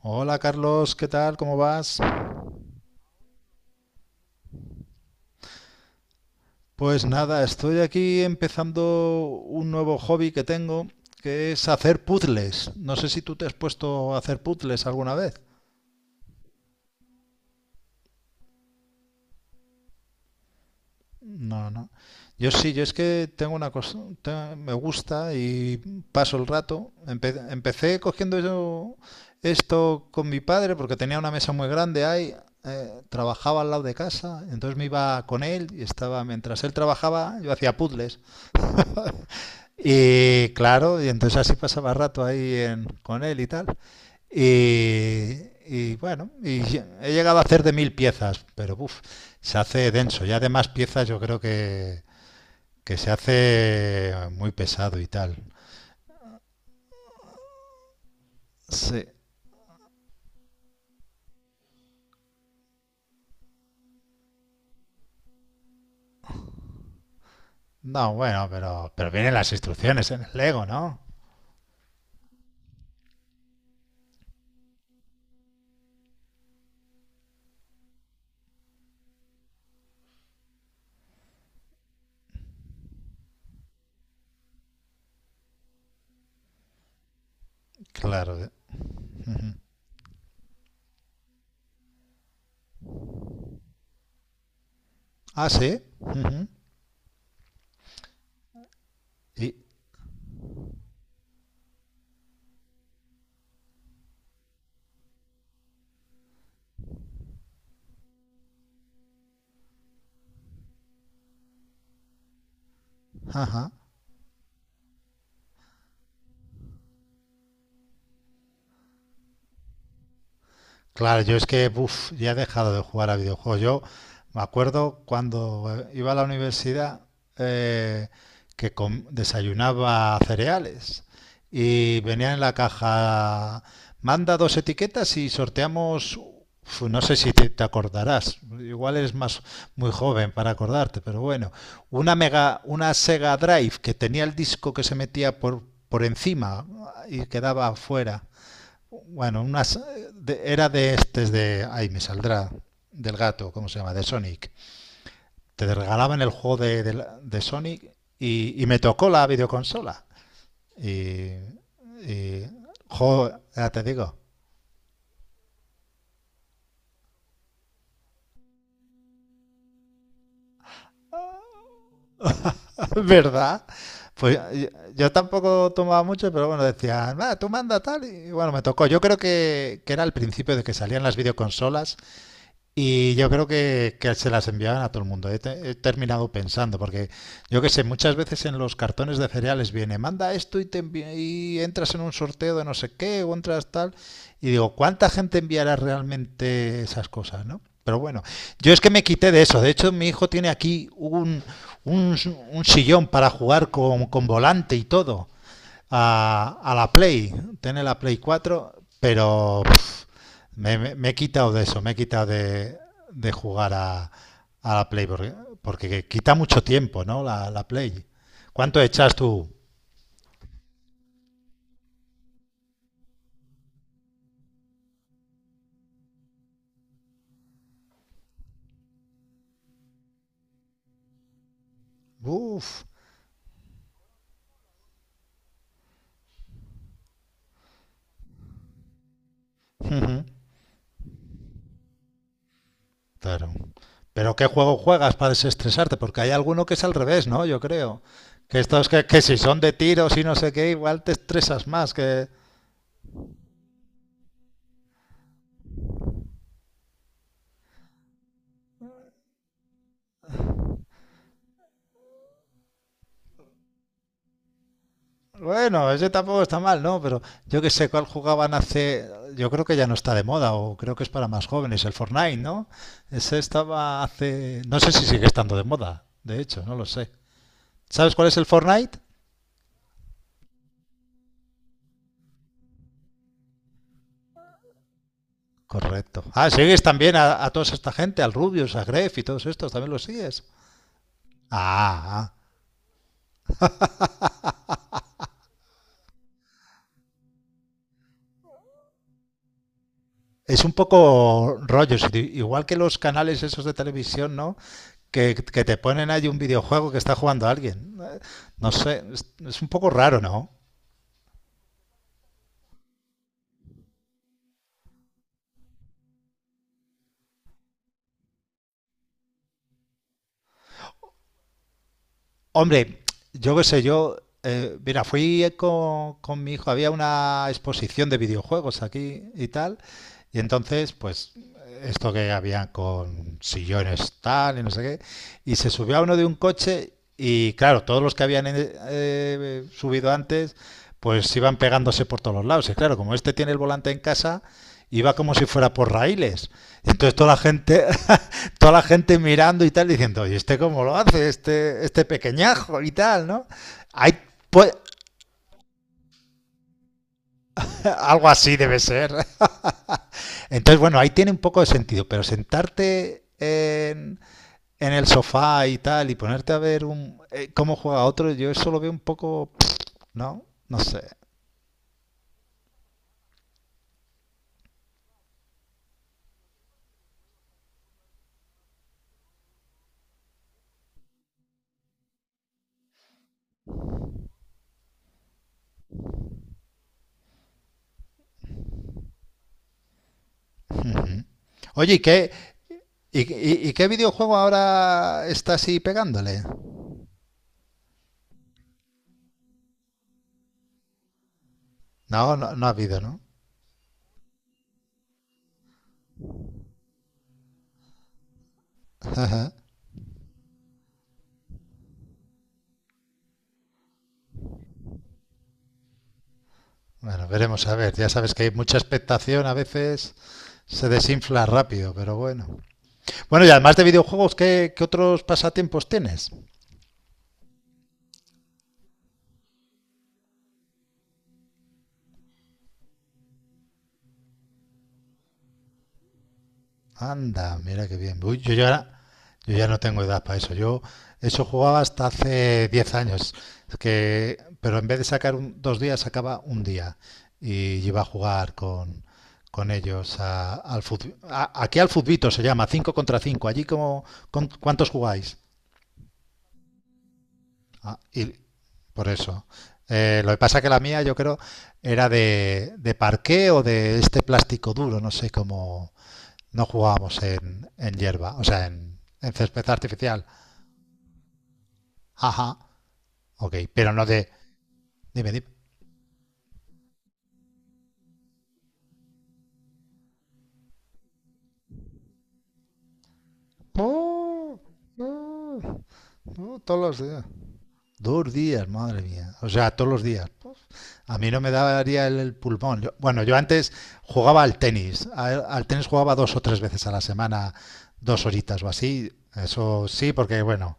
Hola Carlos, ¿qué tal? ¿Cómo vas? Pues nada, estoy aquí empezando un nuevo hobby que tengo, que es hacer puzzles. No sé si tú te has puesto a hacer puzzles alguna vez. No, no. Yo sí, yo es que tengo una cosa, me gusta y paso el rato. Empecé cogiendo yo esto con mi padre porque tenía una mesa muy grande ahí, trabajaba al lado de casa. Entonces me iba con él y estaba, mientras él trabajaba, yo hacía puzzles. Y claro, y entonces así pasaba rato ahí con él y tal. Y, y bueno, he llegado a hacer de 1000 piezas, pero uff, se hace denso. Ya de más piezas yo creo que, se hace muy pesado y tal. Sí. No, bueno, pero, vienen las instrucciones en el Lego, ¿no? Claro. Ah, sí. Ujú. Y, ajá. Claro, yo es que uf, ya he dejado de jugar a videojuegos. Yo me acuerdo cuando iba a la universidad, eh, que desayunaba cereales y venía en la caja, manda dos etiquetas y sorteamos. Uf, no sé si te acordarás, igual eres más muy joven para acordarte, pero bueno, una Sega Drive que tenía el disco que se metía por encima y quedaba fuera. Bueno, era de estes ahí me saldrá. Del gato, ¿cómo se llama? De Sonic. Te regalaban el juego de, de Sonic, y me tocó la videoconsola. Y... y jo, ya te digo. ¿Verdad? Pues yo, tampoco tomaba mucho, pero bueno, decían: "Ah, tú manda tal". Y bueno, me tocó. Yo creo que, era el principio de que salían las videoconsolas. Y yo creo que, se las enviaban a todo el mundo, he he terminado pensando. Porque yo que sé, muchas veces en los cartones de cereales viene: manda esto y, y entras en un sorteo de no sé qué, o entras tal. Y digo, ¿cuánta gente enviará realmente esas cosas, ¿no? Pero bueno, yo es que me quité de eso. De hecho, mi hijo tiene aquí un, un, un sillón para jugar con, volante y todo a, la Play, tener la Play 4, pero pff, me, me he quitado de eso, me he quitado de, jugar a, la Play, porque, quita mucho tiempo, ¿no? La Play. ¿Cuánto echas tú? Uf, ujú, claro. Pero ¿qué juego juegas para desestresarte? Porque hay alguno que es al revés, ¿no? Yo creo. Que estos que, si son de tiros y no sé qué, igual te estresas más que... Bueno, ese tampoco está mal, ¿no? Pero yo que sé cuál jugaban hace. Yo creo que ya no está de moda, o creo que es para más jóvenes, el Fortnite, ¿no? Ese estaba hace. No sé si sigue estando de moda, de hecho, no lo sé. ¿Sabes cuál es el Fortnite? Correcto. Ah, sigues también a, toda esta gente, al Rubius, a Gref y todos estos, también los sigues. Ah, ah. Es un poco rollo, igual que los canales esos de televisión, ¿no? Que, te ponen ahí un videojuego que está jugando alguien. No sé, es un poco raro, ¿no? Hombre, yo qué sé, yo, mira, fui con, mi hijo, había una exposición de videojuegos aquí y tal, y entonces, pues, esto que había con sillones tal y no sé qué, y se subió a uno de un coche y claro, todos los que habían subido antes, pues iban pegándose por todos los lados, y claro, como este tiene el volante en casa, iba como si fuera por raíles. Entonces toda la gente mirando y tal, diciendo: oye, ¿este cómo lo hace? Este pequeñajo y tal, ¿no? Hay, pues, algo así debe ser. Entonces, bueno, ahí tiene un poco de sentido, pero sentarte en, el sofá y tal y ponerte a ver cómo juega otro, yo eso lo veo un poco, ¿no? No sé. Ujú. Oye, y qué videojuego ahora está así pegándole? No, no, no ha habido, ¿no? Ajá. Bueno, veremos a ver. Ya sabes que hay mucha expectación, a veces se desinfla rápido, pero bueno. Bueno, y además de videojuegos, ¿qué otros pasatiempos tienes? Anda, mira qué bien. Uy, yo ya no tengo edad para eso. Yo eso jugaba hasta hace 10 años. Es que, pero en vez de sacar dos días, sacaba un día y iba a jugar con, ellos aquí al futbito se llama, 5 contra 5. ¿Cuántos jugáis? Ah, por eso. Lo que pasa que la mía, yo creo, era de, parqué o de este plástico duro, no sé cómo. No jugábamos en, hierba, o sea, en, césped artificial. Ajá, ok, pero no de. Dime, dime. Oh, no, no, todos los días. Dos días, madre mía. O sea, todos los días. Pues, a mí no me daría el pulmón. Bueno, yo antes jugaba al tenis. Al tenis jugaba 2 o 3 veces a la semana, dos horitas o así. Eso sí, porque bueno,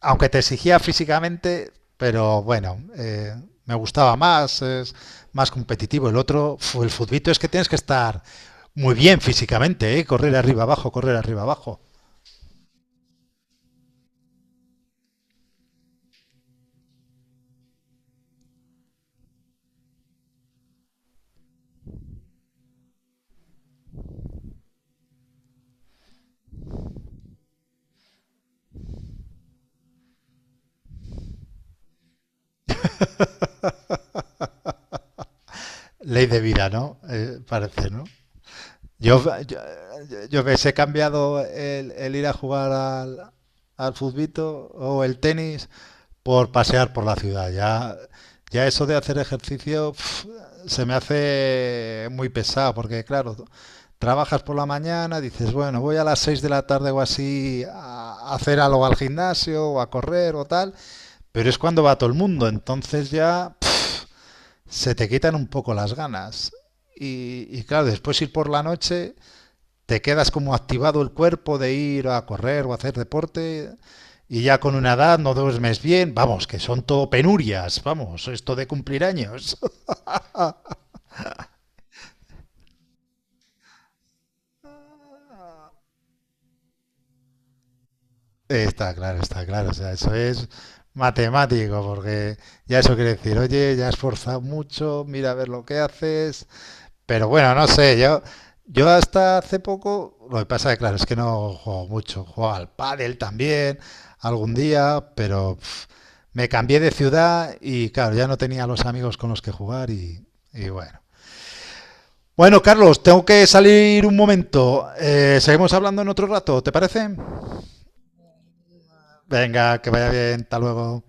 aunque te exigía físicamente, pero bueno, me gustaba más, es más competitivo. El otro, el futbito es que tienes que estar muy bien físicamente, ¿eh? Correr arriba abajo, correr arriba abajo. Ley de vida, ¿no? Parece, ¿no? Yo, yo, yo ves, he cambiado el ir a jugar al futbito o el tenis por pasear por la ciudad. Ya, ya eso de hacer ejercicio se me hace muy pesado porque, claro, trabajas por la mañana, dices: bueno, voy a las 6 de la tarde o así a hacer algo al gimnasio o a correr o tal, pero es cuando va todo el mundo, entonces ya se te quitan un poco las ganas. Y claro, después ir por la noche te quedas como activado el cuerpo de ir a correr o a hacer deporte, y ya con una edad no duermes bien. Vamos, que son todo penurias, vamos, esto de cumplir años. Está claro, o sea, eso es matemático, porque ya eso quiere decir: oye, ya has forzado mucho, mira a ver lo que haces. Pero bueno, no sé, yo, hasta hace poco, lo que pasa es que claro, es que no juego mucho, juego al pádel también, algún día, pero me cambié de ciudad y claro, ya no tenía los amigos con los que jugar, y bueno. Bueno, Carlos, tengo que salir un momento. Seguimos hablando en otro rato, ¿te parece? Venga, que vaya bien, hasta luego.